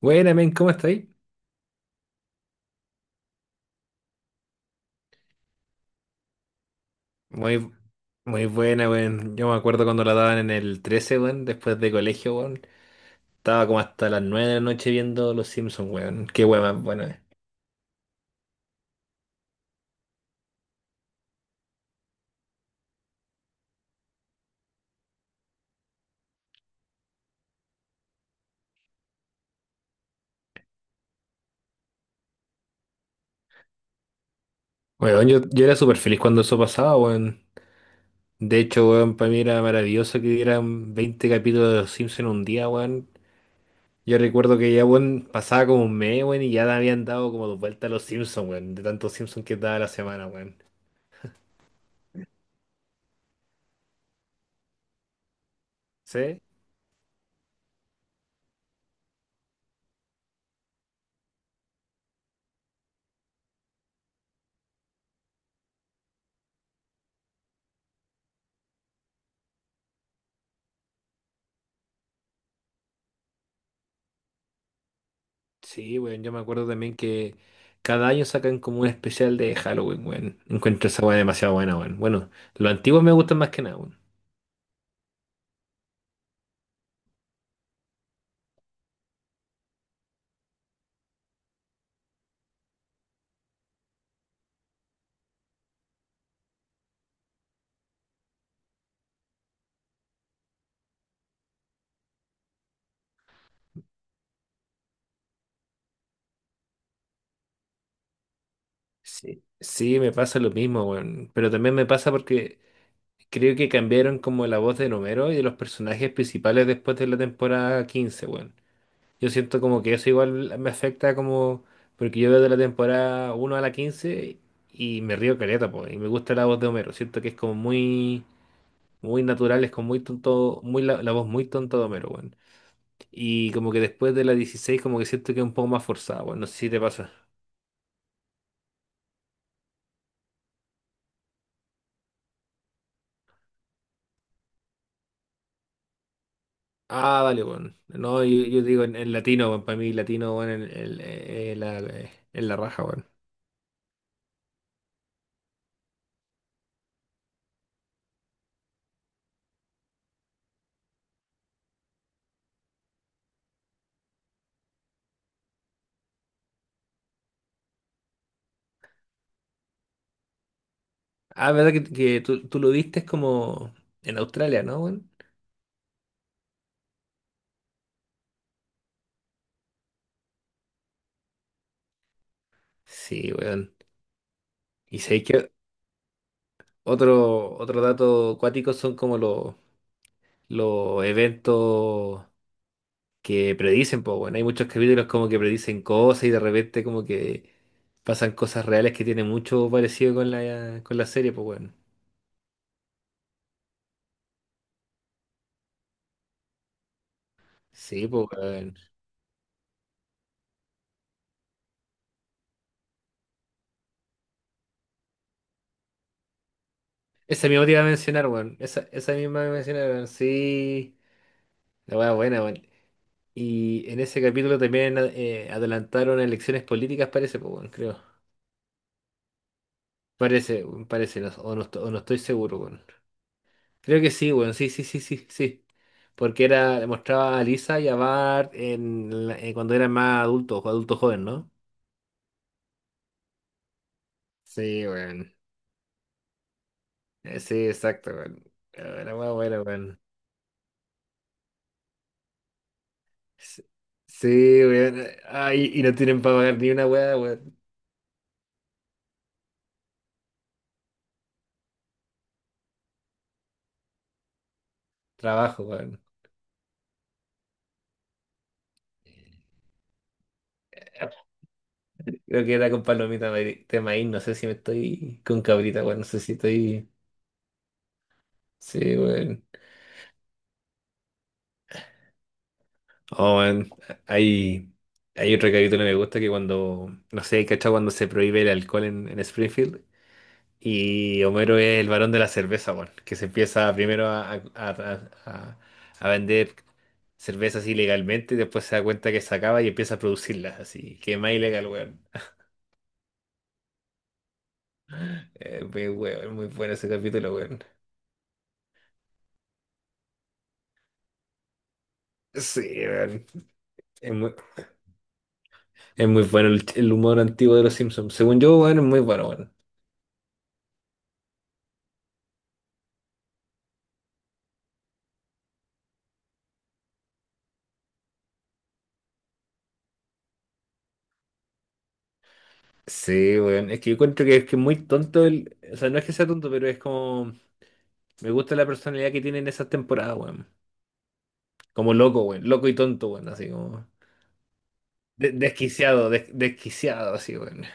Buena, men, ¿cómo estáis? Muy, muy buena, weón. Yo me acuerdo cuando la daban en el 13, weón, después de colegio, weón. Estaba como hasta las 9 de la noche viendo Los Simpsons, weón. Qué weón más buena. Weón, yo era súper feliz cuando eso pasaba, weón. De hecho, weón, para mí era maravilloso que dieran 20 capítulos de Los Simpsons en un día, weón. Yo recuerdo que ya, weón, pasaba como un mes, weón, y ya le habían dado como dos vueltas a Los Simpsons, weón. De tantos Simpsons que daba la semana, weón. ¿Sí? Sí, weón, yo me acuerdo también que cada año sacan como un especial de Halloween, weón. Encuentro esa weá demasiado buena, weón. Bueno, los antiguos me gustan más que nada, weón. Sí. Sí, me pasa lo mismo, weón. Pero también me pasa porque creo que cambiaron como la voz de Homero y de los personajes principales después de la temporada 15, weón. Yo siento como que eso igual me afecta como... Porque yo veo de la temporada uno a la 15 y me río caleta, po. Y me gusta la voz de Homero. Siento que es como muy... muy naturales, con muy tonto, muy la voz muy tonta de Homero, weón. Y como que después de la 16 como que siento que es un poco más forzada, weón. No sé si te pasa. Ah, vale weón. No, yo digo en latino, weón. Para mí, latino, weón, en la raja, weón. Ah, verdad que, que tú lo viste como en Australia, ¿no, weón? Sí, weón. Y sé que otro dato cuático son como los eventos. Que predicen, pues bueno, hay muchos capítulos como que predicen cosas y de repente como que pasan cosas reales que tienen mucho parecido con la serie, pues bueno. Sí, pues bueno. Esa misma te iba a mencionar, weón. Esa misma me mencionaron, sí. La weá buena, weón. Y en ese capítulo también adelantaron elecciones políticas, parece, pues bueno, creo. Parece, weón, parece, o, o no estoy seguro, weón. Creo que sí, weón, sí, sí, sí, sí, sí. Porque era, mostraba a Lisa y a Bart cuando eran más adultos, adultos jóvenes, ¿no? Sí, weón. Sí, exacto, weón. Era más bueno, weón. Sí, sí, weón. Ay, y no tienen para pagar ni una weá, weón. Trabajo, weón. Creo que era con palomita de maíz, no sé si me estoy con cabrita, weón, no sé si estoy... Sí, weón. Oh, weón. Hay, hay otro capítulo que me gusta que cuando, no sé, ¿cachai? Cuando se prohíbe el alcohol en Springfield. Y Homero es el varón de la cerveza, weón, que se empieza primero a vender cervezas ilegalmente y después se da cuenta que se acaba y empieza a producirlas, así que es más ilegal, weón. Muy, weón, muy bueno ese capítulo, weón. Sí, weón. Es muy, es muy bueno el humor antiguo de los Simpsons. Según yo, weón, es muy bueno, weón. Sí, weón. Es que yo encuentro que es muy tonto el. O sea, no es que sea tonto, pero es como. Me gusta la personalidad que tiene en esas temporadas, weón. Como loco, weón. Loco y tonto, weón. Así como. Desquiciado, desquiciado, así, weón.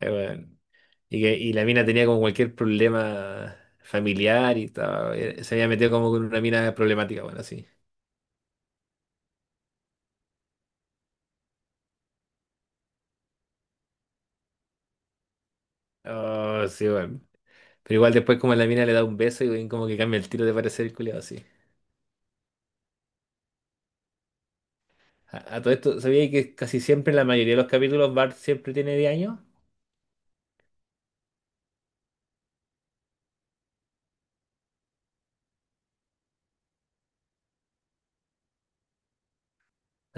Weón. Y la mina tenía como cualquier problema familiar y se había metido como con una mina problemática, bueno, así. Oh, sí, bueno. Pero igual después como la mina le da un beso y weón, como que cambia el tiro de parecer el culiado, así. A todo esto, ¿sabía que casi siempre en la mayoría de los capítulos Bart siempre tiene 10 años?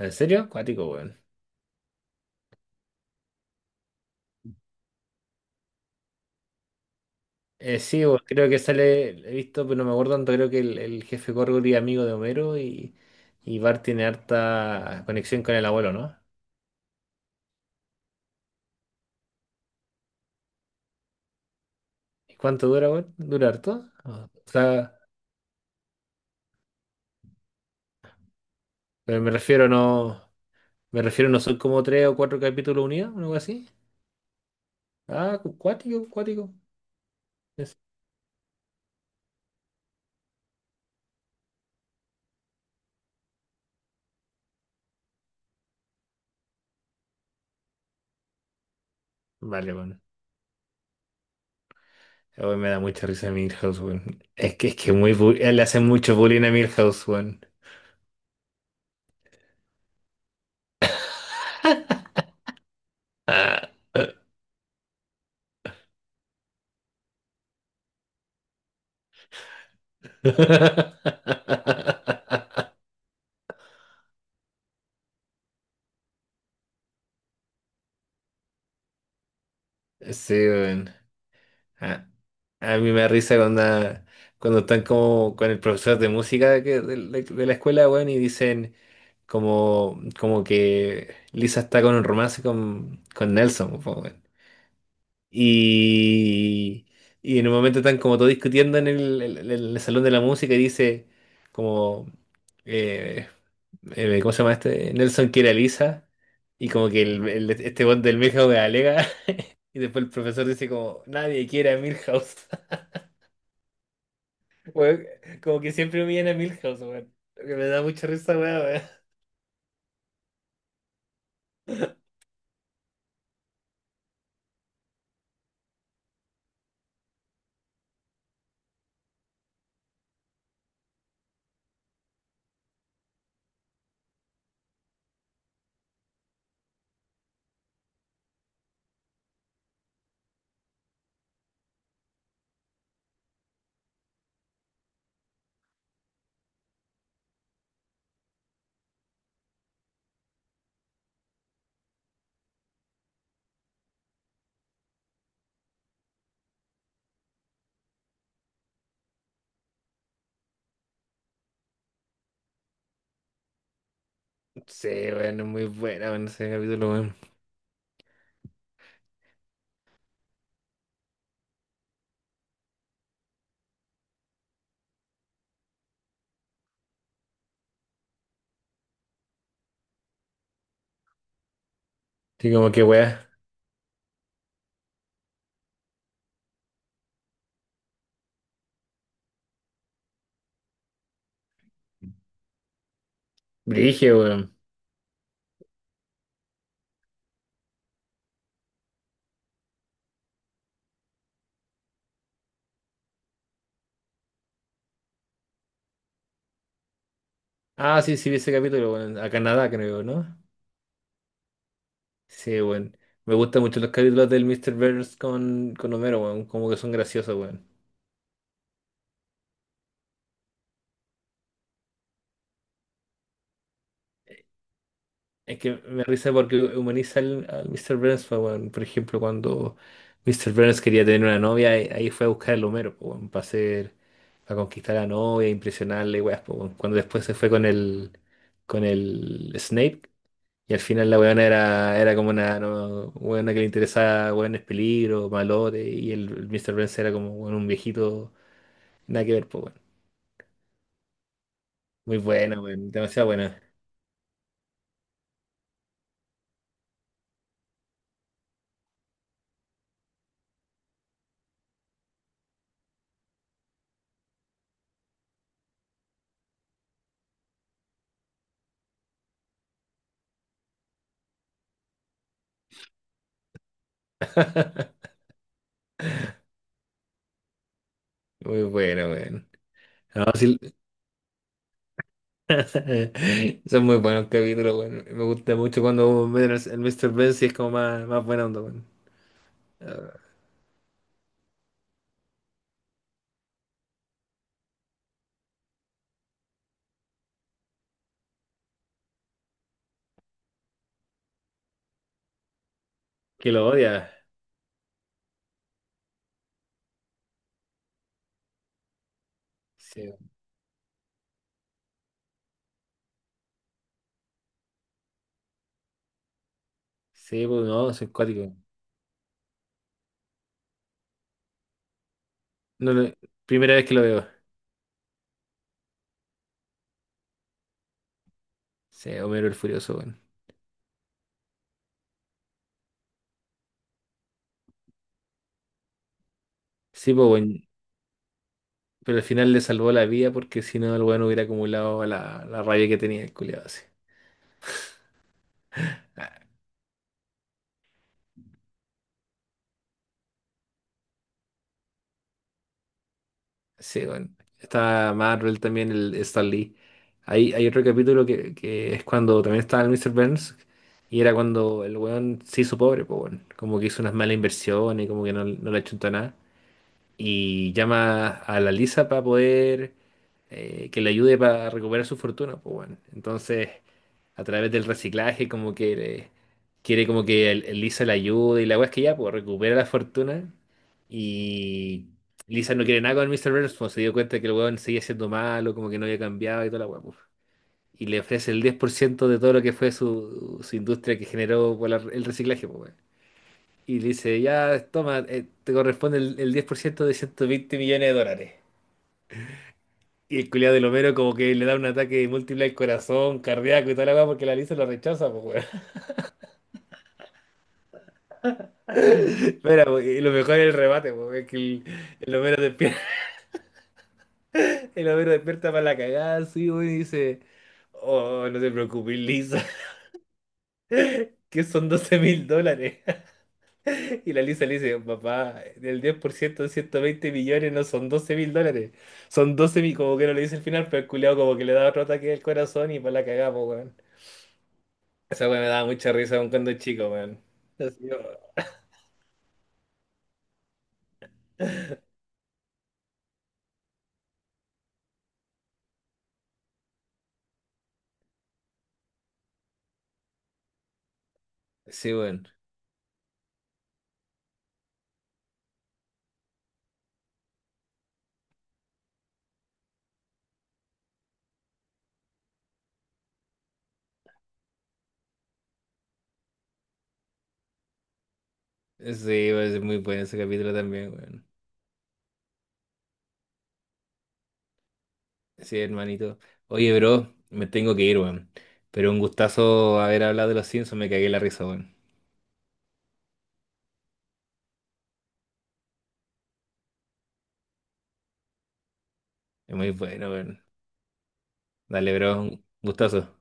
¿En serio? Cuático, weón. Sí, bueno, creo que sale, he visto, pero no me acuerdo tanto, creo que el jefe Gorgory es amigo de Homero y Bart tiene harta conexión con el abuelo, ¿no? ¿Y cuánto dura, weón? ¿Dura harto? O sea, pero me refiero no son como tres o cuatro capítulos unidos, o algo así. Ah, cuático, cuático. Es- Vale, bueno. Hoy me da mucha risa Milhouse, weón. Es que le hacen mucho bullying a Milhouse, weón. Sí, weón. Ah, a mí me da risa cuando están como con el profesor de música de la escuela, weón, y dicen como que Lisa está con un romance con Nelson, po, weón. Y, y en un momento están como todos discutiendo en el salón de la música y dice como, eh, ¿cómo se llama este? Nelson quiere a Lisa. Y como que este bot del Milhouse alega y después el profesor dice como, nadie quiere a Milhouse. Weón, como que siempre humillan a Milhouse, weón. Que me da mucha risa, weón, weón. Sí, weón, es muy buena, weón, ese capítulo, weón. Sí, como que weón. Brigio, weón. Ah, sí, sí, vi ese capítulo, weón. A Canadá, creo, ¿no? Sí, weón. Me gustan mucho los capítulos del Mr. Burns con Homero, weón. Como que son graciosos, weón. Es que me da risa porque humaniza al Mr. Burns, pues, weón. Por ejemplo, cuando Mr. Burns quería tener una novia, ahí fue a buscar al Homero, pues, weón, para conquistar a la novia, impresionarle, weas, pues, weón. Cuando después se fue con el Snape, y al final la weona era como una no, weona que le interesaba weones peligro, malote, y el Mr. Burns era como weón, un viejito, nada que ver, pues, weón. Muy buena, weón, demasiado buena. Muy buena, weón. No, sí, son muy buenos capítulos, weón. Me gusta mucho cuando ven el Mr. Ben si es como más, más buena onda, weón. Ah, que lo odia. Sí, weón. Sí, pues no, soy cuático. No, no, primera vez que lo veo. Sí, Homero el Furioso, weón. Sí, pues weón. Pero al final le salvó la vida porque si no, el weón hubiera acumulado la rabia que tenía el culiado. Sí, bueno. Está Marvel también, el Stan Lee. Hay otro capítulo que es cuando también estaba el Mr. Burns y era cuando el weón se hizo pobre, pues bueno. Como que hizo unas malas inversiones, como que no le achuntó nada y llama a la Lisa para poder que le ayude para recuperar su fortuna, pues bueno. Entonces, a través del reciclaje, como que quiere como que el Lisa le ayude y la weá es que ya, pues recupera la fortuna y Lisa no quiere nada con Mr. Burns, pues se dio cuenta que el weón seguía siendo malo, como que no había cambiado y toda la weá, pues. Y le ofrece el 10% de todo lo que fue su industria que generó el reciclaje, pues, y le dice, ya, toma, te corresponde el 10% de 120 millones de dólares. Y el culiado del Homero como que le da un ataque múltiple al corazón, cardíaco y toda la weá porque la Lisa lo rechaza, pues weón. Espera, po, y lo mejor es el remate, po, es que el Homero despierta, el Homero despierta para la cagada, sí, weón, y dice, oh, no te preocupes, Lisa, que son 12.000 dólares. Y la Lisa le dice, papá, el 10% de 120 millones no son 12 mil dólares, son 12 mil, como que no le dice al final, pero el culiao como que le da otro ataque del corazón y para la cagamos, weón. Esa weón me daba mucha risa aun cuando chico, weón. Así, oh. Sí, weón. Sí, weón, es muy bueno ese capítulo también, weón. Sí, hermanito. Oye, bro, me tengo que ir, weón. Pero un gustazo haber hablado de los Simpsons, me cagué la risa, weón. Es muy bueno, weón. Dale, bro, un gustazo.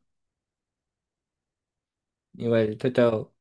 Igual, chao, chao.